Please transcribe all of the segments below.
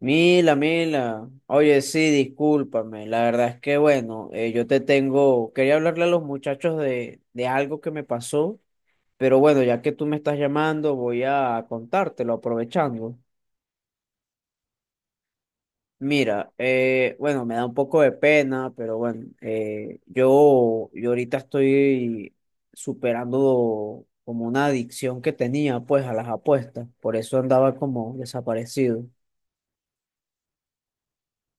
Mila, Mila, oye, sí, discúlpame, la verdad es que yo quería hablarle a los muchachos de algo que me pasó, pero bueno, ya que tú me estás llamando, voy a contártelo aprovechando. Mira, me da un poco de pena, pero bueno, yo ahorita estoy superando como una adicción que tenía pues a las apuestas, por eso andaba como desaparecido.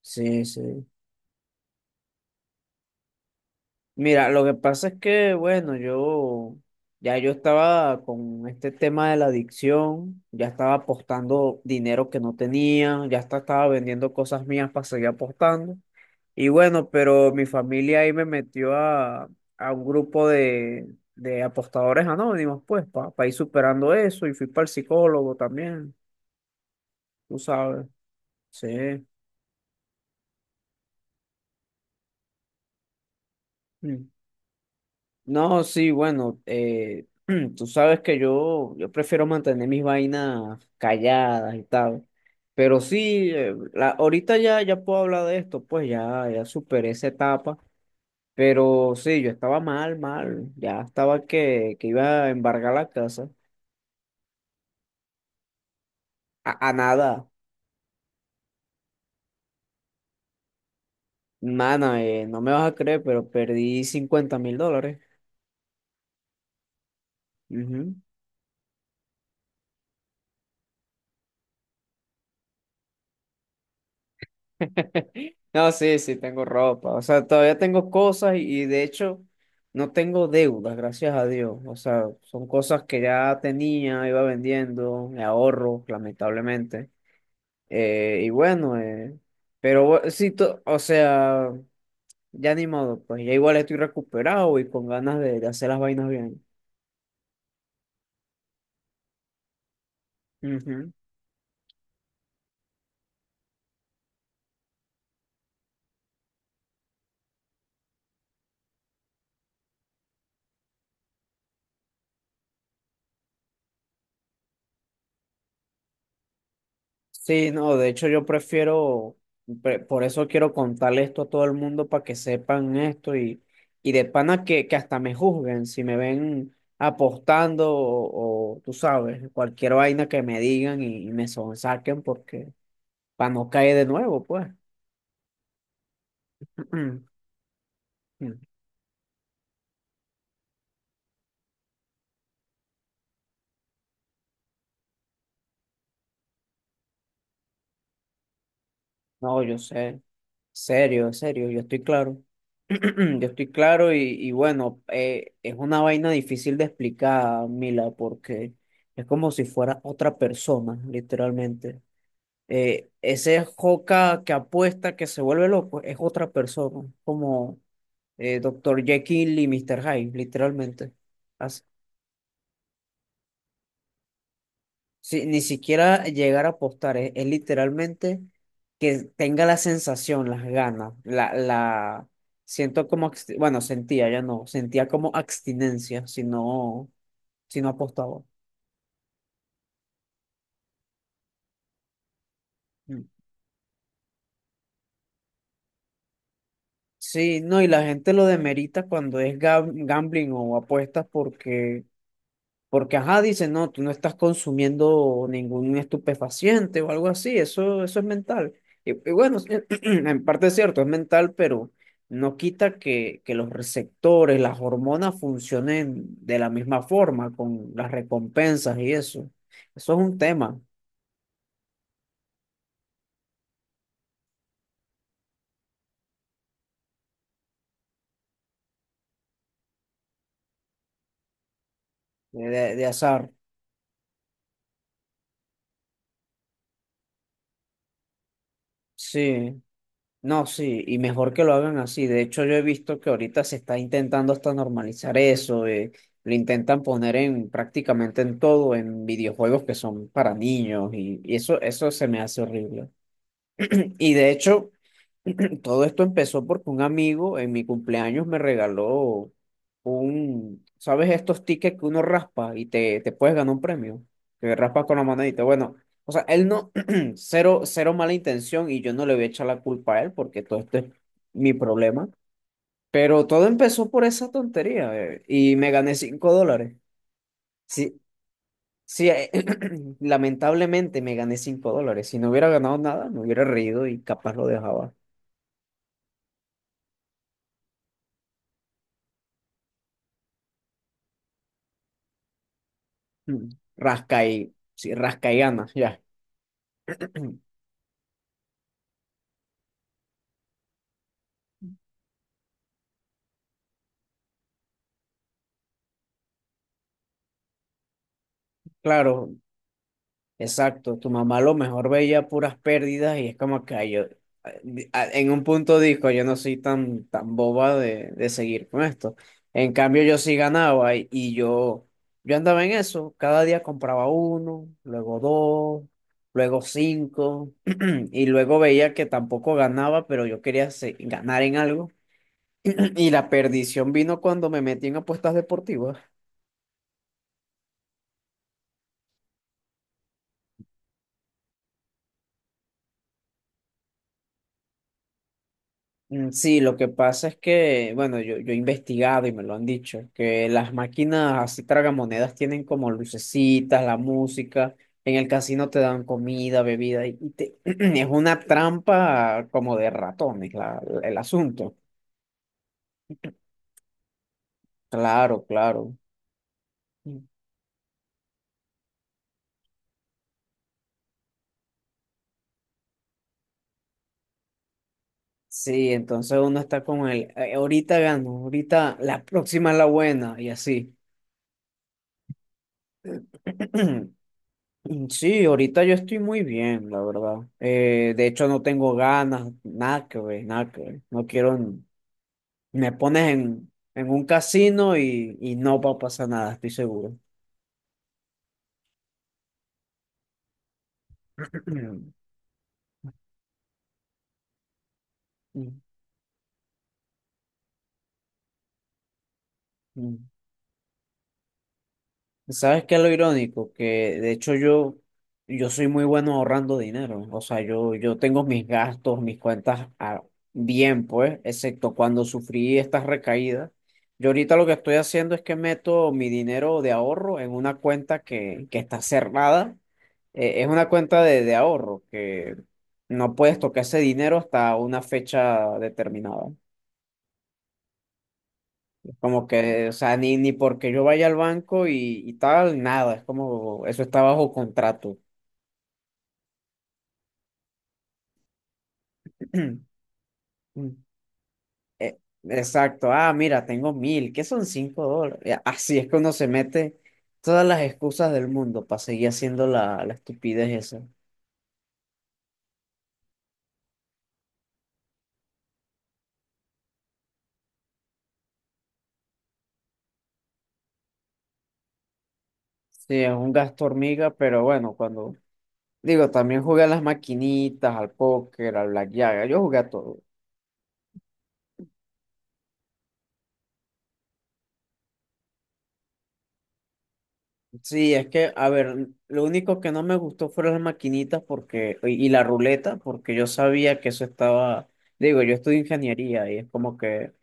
Sí, sí. Mira, lo que pasa es que, bueno, yo estaba con este tema de la adicción, ya estaba apostando dinero que no tenía, ya hasta estaba vendiendo cosas mías para seguir apostando. Y bueno, pero mi familia ahí me metió a un grupo de apostadores anónimos, pues, para ir superando eso. Y fui para el psicólogo también, tú sabes. Sí. No, sí, bueno, tú sabes que yo prefiero mantener mis vainas calladas y tal, pero sí, ahorita ya puedo hablar de esto, pues ya superé esa etapa, pero sí, yo estaba mal, mal, ya estaba que iba a embargar la casa, a nada, mana, no me vas a creer, pero perdí $50.000. No, sí, sí, tengo ropa. O sea, todavía tengo cosas y de hecho no tengo deudas, gracias a Dios. O sea, son cosas que ya tenía, iba vendiendo, me ahorro, lamentablemente. Eh, y bueno, eh, o sea, ya ni modo, pues ya igual estoy recuperado y con ganas de hacer las vainas bien. Sí, no, de hecho por eso quiero contarle esto a todo el mundo para que sepan esto y de pana que hasta me juzguen si me ven apostando tú sabes, cualquier vaina que me digan y me sonsaquen porque para no caer de nuevo, pues. No, yo sé. Serio, serio, yo estoy claro. Yo estoy claro y bueno, es una vaina difícil de explicar, Mila, porque es como si fuera otra persona, literalmente. Ese Joca que apuesta, que se vuelve loco, es otra persona, como Dr. Jekyll y Mister Hyde, literalmente. Sí, ni siquiera llegar a apostar, es literalmente que tenga la sensación, las ganas, siento como, sentía, ya no, sentía como abstinencia si no apostaba. Mm. Sí, no, y la gente lo demerita cuando es gambling o apuestas porque porque, ajá, dice, no, tú no estás consumiendo ningún estupefaciente o algo así, eso es mental. Sí, en parte es cierto, es mental, pero no quita que los receptores, las hormonas funcionen de la misma forma, con las recompensas y eso. Eso es un tema de azar. Sí. No, sí, y mejor que lo hagan así. De hecho, yo he visto que ahorita se está intentando hasta normalizar eso. Lo intentan poner en prácticamente en todo, en videojuegos que son para niños, y eso se me hace horrible. Y de hecho, todo esto empezó porque un amigo en mi cumpleaños me regaló un, ¿sabes? Estos tickets que uno raspa y te puedes ganar un premio, que raspas con la manadita. Bueno, o sea, él no, cero, cero mala intención y yo no le voy a echar la culpa a él porque todo esto es mi problema. Pero todo empezó por esa tontería y me gané $5. Sí, sí, lamentablemente me gané $5. Si no hubiera ganado nada, me hubiera reído y capaz lo dejaba. Mm. Rasca y, sí, rasca y gana, ya. Claro, exacto. Tu mamá a lo mejor veía puras pérdidas y es como que ay, yo, en un punto dijo, yo no soy tan, tan boba de seguir con esto. En cambio, yo sí ganaba y yo andaba en eso. Cada día compraba uno, luego dos, luego cinco y luego veía que tampoco ganaba, pero yo quería ganar en algo. Y la perdición vino cuando me metí en apuestas deportivas. Mm. Sí, lo que pasa es que, bueno, yo he investigado y me lo han dicho, que las máquinas así tragamonedas tienen como lucecitas, la música, en el casino te dan comida, bebida, es una trampa como de ratones el asunto. Claro, claro. Mm. Sí, entonces uno está con el, ahorita gano, ahorita la próxima es la buena, y así. Mm. Sí, ahorita yo estoy muy bien, la verdad. De hecho, no tengo ganas, nada que ver, nada que ver. No quiero, me pones en un casino y no va a pasar nada, estoy seguro. Mm, mm. ¿Sabes qué es lo irónico? Que de hecho yo, yo soy muy bueno ahorrando dinero. O sea, yo tengo mis gastos, mis bien, pues, excepto cuando sufrí estas recaídas. Yo ahorita lo que estoy haciendo es que meto mi dinero de ahorro en una cuenta que está cerrada. Es una cuenta de ahorro que no puedes tocar ese dinero hasta una fecha determinada. Como que, o sea, ni porque yo vaya al banco y tal, nada, es como, eso está bajo contrato. Mm. Eh, exacto, ah, mira, tengo 1.000, ¿qué son $5? Ya, así es que uno se mete todas las excusas del mundo para seguir haciendo la estupidez esa. Sí, es un gasto hormiga, pero bueno, cuando, digo, también jugué a las maquinitas, al póker, al blackjack, yo jugué a todo. Sí, es que, a ver, lo único que no me gustó fueron las maquinitas porque, y la ruleta, porque yo sabía que eso estaba, digo, yo estudio ingeniería y es como que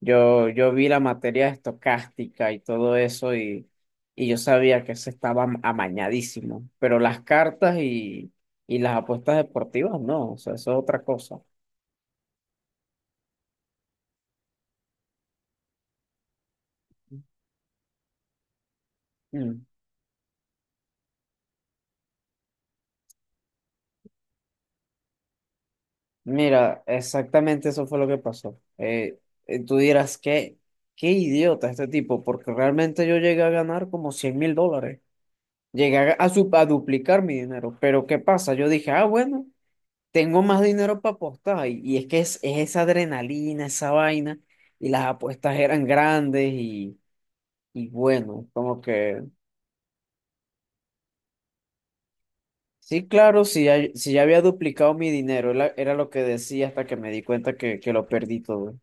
yo vi la materia estocástica y todo eso y yo sabía que eso estaba amañadísimo, pero las cartas y las apuestas deportivas no, o sea, eso es otra cosa. Mm. Mira, exactamente eso fue lo que pasó. Tú dirás, ¿qué, qué idiota este tipo? Porque realmente yo llegué a ganar como $100.000. Llegué a, a duplicar mi dinero. Pero ¿qué pasa? Yo dije, ah, bueno, tengo más dinero para apostar. Es que es esa adrenalina, esa vaina. Y las apuestas eran grandes y bueno, como que... Sí, claro, si ya había duplicado mi dinero, era lo que decía hasta que me di cuenta que lo perdí todo.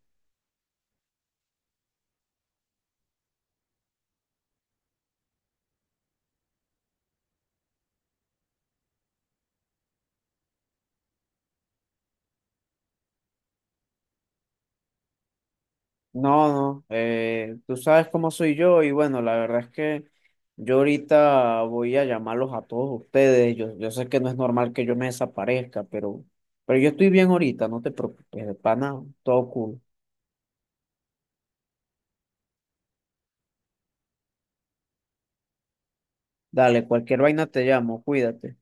No, no, tú sabes cómo soy yo y bueno, la verdad es que yo ahorita voy a llamarlos a todos ustedes. Yo sé que no es normal que yo me desaparezca, pero yo estoy bien ahorita, no te preocupes, de pana, todo cool. Dale, cualquier vaina te llamo, cuídate.